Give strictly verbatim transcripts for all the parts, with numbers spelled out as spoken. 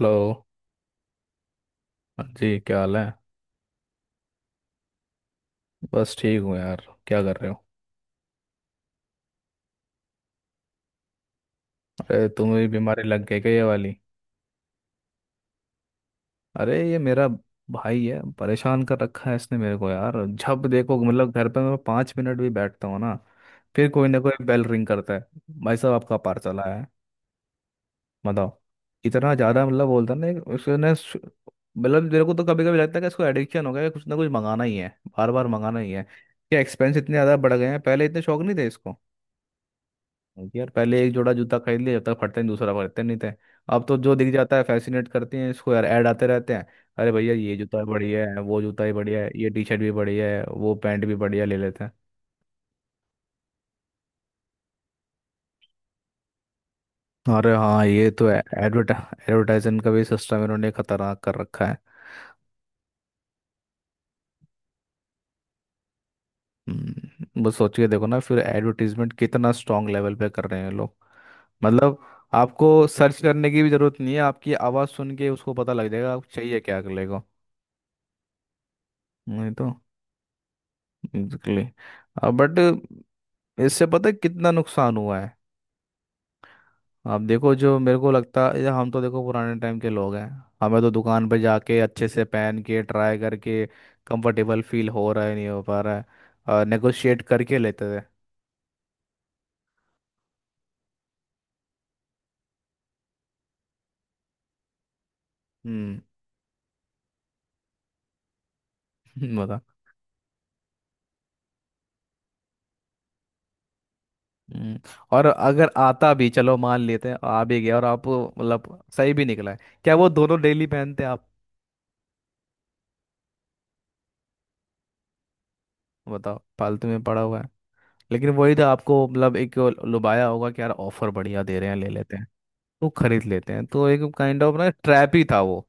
Hello. हाँ जी, क्या हाल है? बस ठीक हूँ यार। क्या कर रहे हो? अरे तुम्हें भी बीमारी लग गई क्या ये वाली? अरे ये मेरा भाई है, परेशान कर रखा है इसने मेरे को यार। जब देखो, मतलब घर पे मैं पाँच मिनट भी बैठता हूँ ना, फिर कोई ना कोई बेल रिंग करता है। भाई साहब, आपका पार्सल आया है। बताओ। इतना ज़्यादा मतलब बोलता ना। उसने सु- मतलब मेरे को तो कभी कभी लगता है कि इसको एडिक्शन हो गया है, कुछ ना कुछ मंगाना ही है। बार बार मंगाना ही है। क्या एक्सपेंस इतने ज़्यादा बढ़ गए हैं, पहले इतने शौक नहीं थे इसको। क्योंकि यार पहले एक जोड़ा जूता खरीद लिया, जब तक फटते नहीं दूसरा खरीदते नहीं थे। अब तो जो दिख जाता है फैसिनेट करते हैं इसको, यार ऐड आते रहते हैं। अरे भैया, ये जूता बढ़िया है, वो जूता ही बढ़िया है, ये टी शर्ट भी बढ़िया है, वो पैंट भी बढ़िया, ले लेते हैं। अरे हाँ ये तो है। एडवर्टा एडवर्टाइजमेंट का भी सिस्टम इन्होंने खतरनाक कर रखा है। हम्म, बस सोच के देखो ना, फिर एडवर्टीजमेंट कितना स्ट्रांग लेवल पे कर रहे हैं लोग। मतलब आपको सर्च करने की भी जरूरत नहीं है, आपकी आवाज़ सुन के उसको पता लग जाएगा आप चाहिए क्या अगले को। नहीं तो एग्जैक्टली। बट इससे पता है कितना नुकसान हुआ है। आप देखो, जो मेरे को लगता है, या हम तो देखो पुराने टाइम के लोग हैं। हमें तो दुकान पर जाके अच्छे से पहन के ट्राई करके कंफर्टेबल फील हो रहा है नहीं हो पा रहा है, और नेगोशिएट करके लेते थे। हम्म। बता। हम्म, और अगर आता भी, चलो मान लेते हैं आ भी गया और आप मतलब सही भी निकला है, क्या वो दोनों डेली पहनते आप? बताओ, फालतू में पड़ा हुआ है। लेकिन वही तो, आपको मतलब एक लुभाया होगा कि यार ऑफर बढ़िया दे रहे हैं, ले लेते हैं। वो खरीद लेते हैं, तो एक काइंड ऑफ ना ट्रैप ही था वो।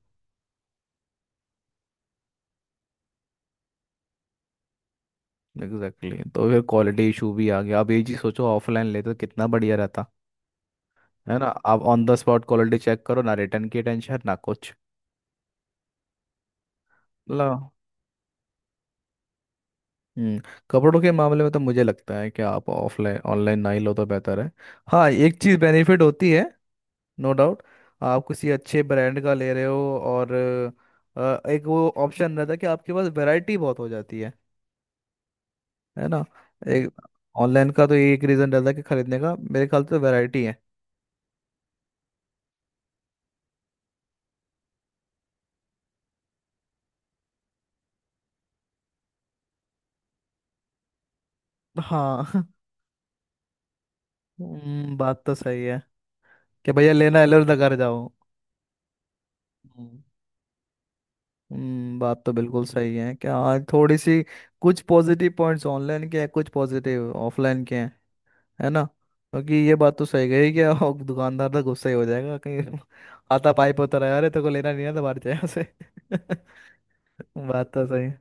Exactly exactly। तो फिर क्वालिटी इशू भी आ गया, अब ये चीज सोचो ऑफलाइन लेते तो कितना बढ़िया रहता। है ना? आप on the spot quality check करो, ना रिटर्न की टेंशन ना कुछ। ला। हम्म। कपड़ों के मामले में तो मुझे लगता है कि आप ऑफलाइन, ऑनलाइन ना ही लो तो बेहतर है। हाँ, एक चीज बेनिफिट होती है, नो डाउट। आप किसी अच्छे ब्रांड का ले रहे हो, और अ, एक वो ऑप्शन रहता है कि आपके पास वैरायटी बहुत हो जाती है। है ना? एक, ऑनलाइन का तो ये एक रीजन रहता है कि खरीदने का, मेरे ख्याल से तो वैरायटी है। हाँ। हम्म, बात तो सही है कि भैया लेना है लो, घर जाओ। हम्म। हम्म, बात तो बिल्कुल सही है कि हाँ थोड़ी सी कुछ पॉजिटिव पॉइंट्स ऑनलाइन के हैं, कुछ पॉजिटिव ऑफलाइन के हैं। है ना? क्योंकि ये बात तो सही गई कि और दुकानदार तो गुस्सा ही हो जाएगा कहीं। आता पाइप होता रहा, अरे तेरे को लेना नहीं है तो बाहर से, यहाँ से। बात तो सही है।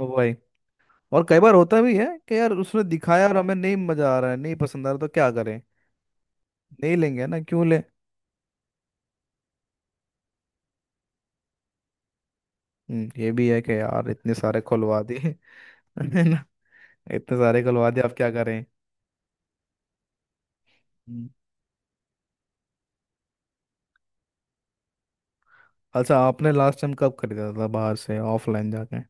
ओ भाई, और कई बार होता भी है कि यार उसने दिखाया और हमें नहीं मजा आ रहा है, नहीं पसंद आ रहा, तो क्या करें? नहीं लेंगे ना, क्यों ले? हम्म, ये भी है कि यार इतने सारे खुलवा दिए। है ना? इतने सारे खुलवा दिए, अब क्या करें। हम्म। अच्छा, आपने लास्ट टाइम कब खरीदा था बाहर से ऑफलाइन जाके?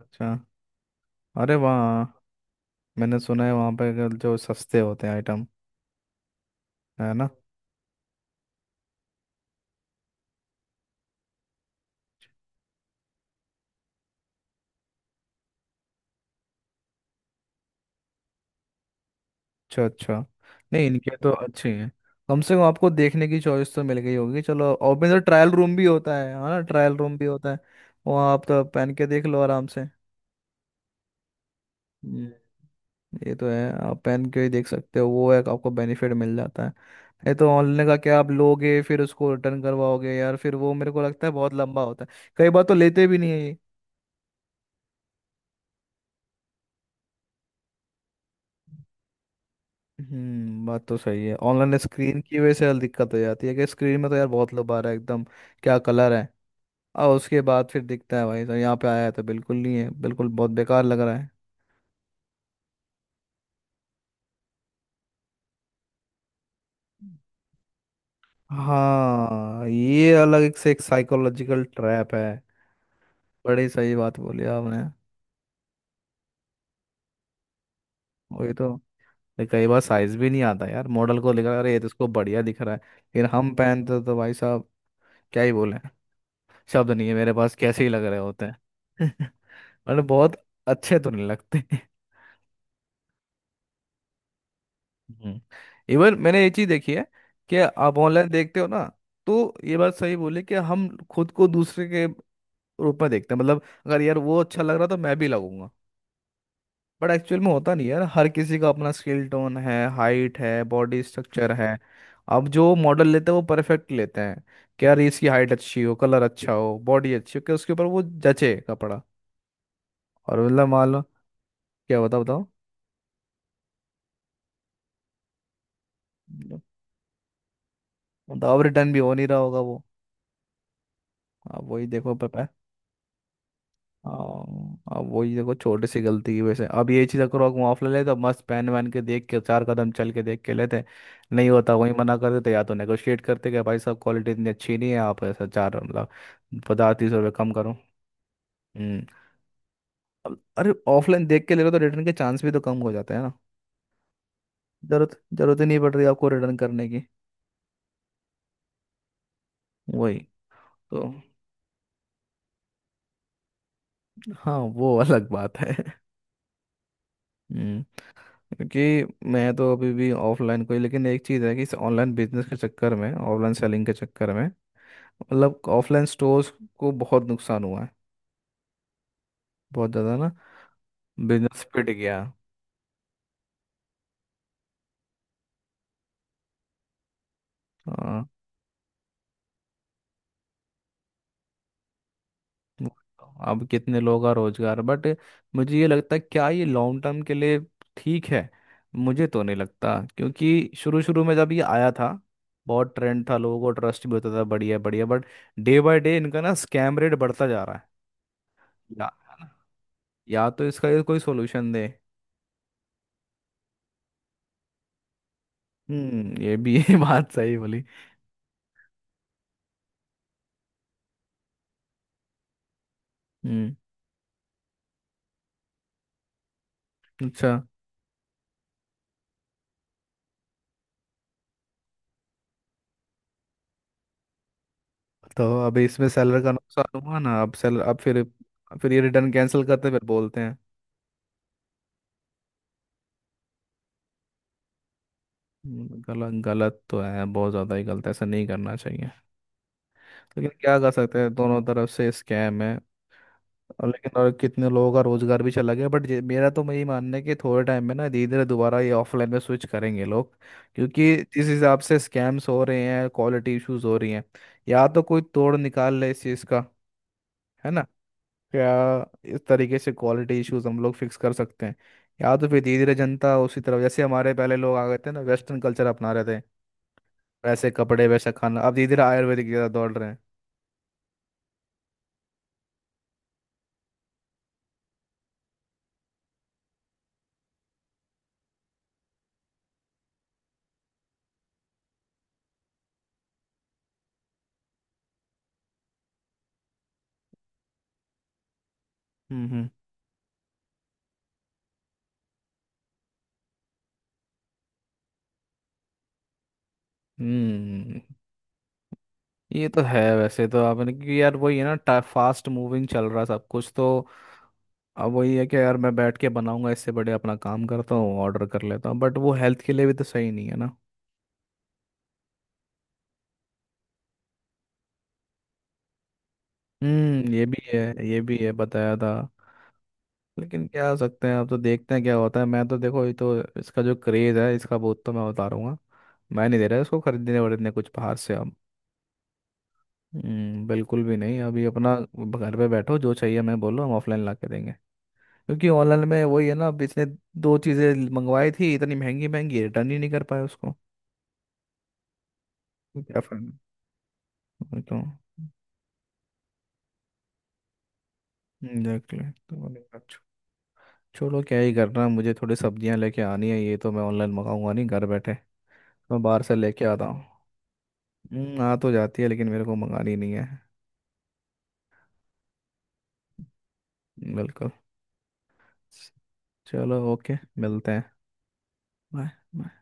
अच्छा, अरे वाह। मैंने सुना है वहाँ पे जो सस्ते होते हैं आइटम। है ना? अच्छा अच्छा, नहीं इनके तो अच्छे हैं। कम से कम आपको देखने की चॉइस तो मिल गई होगी चलो, और मेरा ट्रायल रूम भी होता है, हाँ ना, ट्रायल रूम भी होता है। वहाँ आप तो पहन के देख लो आराम से। हम्म। ये तो है, आप पहन के ही देख सकते हो, वो एक आपको बेनिफिट मिल जाता है। नहीं तो ऑनलाइन का क्या, आप लोगे फिर उसको रिटर्न करवाओगे यार, फिर वो मेरे को लगता है बहुत लंबा होता है, कई बार तो लेते भी नहीं है ये। हम्म, बात तो सही है, ऑनलाइन स्क्रीन की वजह से दिक्कत हो जाती है कि स्क्रीन में तो यार बहुत लोग आ रहा है एकदम, क्या कलर है। और उसके बाद फिर दिखता है भाई साहब यहाँ पे आया है तो बिल्कुल नहीं है, बिल्कुल बहुत बेकार लग रहा है। हाँ, ये अलग एक से एक साइकोलॉजिकल ट्रैप है। बड़ी सही बात बोली आपने। वही तो। ये कई बार साइज भी नहीं आता यार, मॉडल को लिखा अरे ये तो इसको बढ़िया दिख रहा है। फिर हम पहनते तो भाई साहब, क्या ही बोले, शब्द नहीं है मेरे पास, कैसे ही लग रहे होते हैं। मतलब बहुत अच्छे तो नहीं लगते। हम्म। इवन मैंने ये चीज देखी है कि आप ऑनलाइन देखते हो ना, तो ये बात सही बोले कि हम खुद को दूसरे के ग्रुप में देखते हैं। मतलब अगर यार वो अच्छा लग रहा तो मैं भी लगूंगा। बट एक्चुअल में होता नहीं है यार, हर किसी का अपना स्किल टोन है, हाइट है, बॉडी स्ट्रक्चर है। अब जो मॉडल लेते हैं वो परफेक्ट लेते हैं, कि यार इसकी हाइट अच्छी हो, कलर अच्छा हो, बॉडी अच्छी हो, कि उसके ऊपर वो जचे कपड़ा। और मतलब मान लो, क्या बताओ, बताओ। मतलब अब रिटर्न भी हो नहीं रहा होगा वो। अब वही देखो। हाँ, अब वही देखो, छोटी सी गलती की वजह से, अब ये चीज़ अगर ऑफ ले ले तो मस्त पहन वहन के देख के, चार कदम चल के देख के लेते। नहीं होता, वही मना कर देते, या तो नेगोशिएट करते कि भाई साहब क्वालिटी इतनी अच्छी नहीं है, आप ऐसा चार मतलब पचास तीस रुपये कम करो। हम्म। अब- अरे ऑफलाइन देख के ले रहे हो तो रिटर्न के चांस भी तो कम हो जाते हैं ना। जरूरत जरूरत ही नहीं पड़ रही आपको रिटर्न करने की। वही तो, हाँ वो अलग बात है। हम्म, क्योंकि मैं तो अभी भी ऑफलाइन, कोई, लेकिन एक चीज़ है कि इस ऑनलाइन बिजनेस के चक्कर में, ऑनलाइन सेलिंग के चक्कर में, मतलब ऑफलाइन स्टोर्स को बहुत नुकसान हुआ है। बहुत ज़्यादा ना, बिजनेस पिट गया। हाँ, अब कितने लोग का रोजगार, बट मुझे ये लगता है क्या ये लॉन्ग टर्म के लिए ठीक है? मुझे तो नहीं लगता, क्योंकि शुरू शुरू में जब ये आया था बहुत ट्रेंड था, लोगों को ट्रस्ट भी होता था बढ़िया बढ़िया, बट डे बाय डे इनका ना स्कैम रेट बढ़ता जा रहा है। या या तो इसका ये कोई सोल्यूशन दे। हम्म, ये भी है, बात सही बोली। हम्म। अच्छा, तो अब इसमें सेलर का नुकसान हुआ ना, अब सेलर, अब फिर फिर ये रिटर्न कैंसिल करते हैं, फिर बोलते हैं। हम्म, गलत गलत तो है, बहुत ज़्यादा ही गलत है, ऐसा नहीं करना चाहिए। लेकिन क्या कर सकते हैं, दोनों तरफ से स्कैम है। और लेकिन और कितने लोगों का रोजगार भी चला गया, बट ये- मेरा तो यही मानना है कि थोड़े टाइम में ना धीरे धीरे दोबारा ये ऑफलाइन में स्विच करेंगे लोग। क्योंकि जिस हिसाब से स्कैम्स हो रहे हैं, क्वालिटी इश्यूज हो रही हैं, या तो कोई तोड़ निकाल ले इस चीज़ का। है ना? क्या, इस तरीके से क्वालिटी इश्यूज हम लोग फिक्स कर सकते हैं, या तो फिर धीरे धीरे जनता उसी तरफ, जैसे हमारे पहले लोग आ गए थे ना वेस्टर्न कल्चर अपना रहे थे, वैसे कपड़े, वैसा खाना, अब धीरे धीरे आयुर्वेदिक की तरफ दौड़ रहे हैं। हम्म हम्म। हम्म, ये तो है वैसे तो आपने, क्योंकि यार वही है ना फास्ट मूविंग चल रहा है सब कुछ तो। अब वही है कि यार मैं बैठ के बनाऊंगा इससे बड़े अपना काम करता हूँ, ऑर्डर कर लेता हूँ, बट वो हेल्थ के लिए भी तो सही नहीं है ना। हम्म, ये भी है, ये भी है बताया था। लेकिन क्या हो सकते हैं, अब तो देखते हैं क्या होता है। मैं तो देखो, ये तो इसका जो क्रेज है इसका बहुत, तो मैं उतारूंगा। मैं नहीं दे रहा इसको खरीदने वरीदने कुछ बाहर से अब। हम्म, बिल्कुल भी नहीं अभी अपना। घर पे बैठो, जो चाहिए मैं बोलो, हम ऑफलाइन ला के देंगे। क्योंकि ऑनलाइन में वही है ना, अब इसने दो चीज़ें मंगवाई थी इतनी महंगी महंगी, रिटर्न ही नहीं कर पाए उसको। तो क्या फायदा। वही तो। एग्जैक्टली, तो मैंने कहा, छो- छोड़ो, क्या ही करना, मुझे थोड़ी सब्जियां लेके आनी है, ये तो मैं ऑनलाइन मंगाऊंगा नहीं। घर बैठे मैं बाहर से लेके आता हूँ। हम्म, आ तो जाती है लेकिन मेरे को मंगानी नहीं है। बिल्कुल। चलो ओके। मिलते हैं। बाय।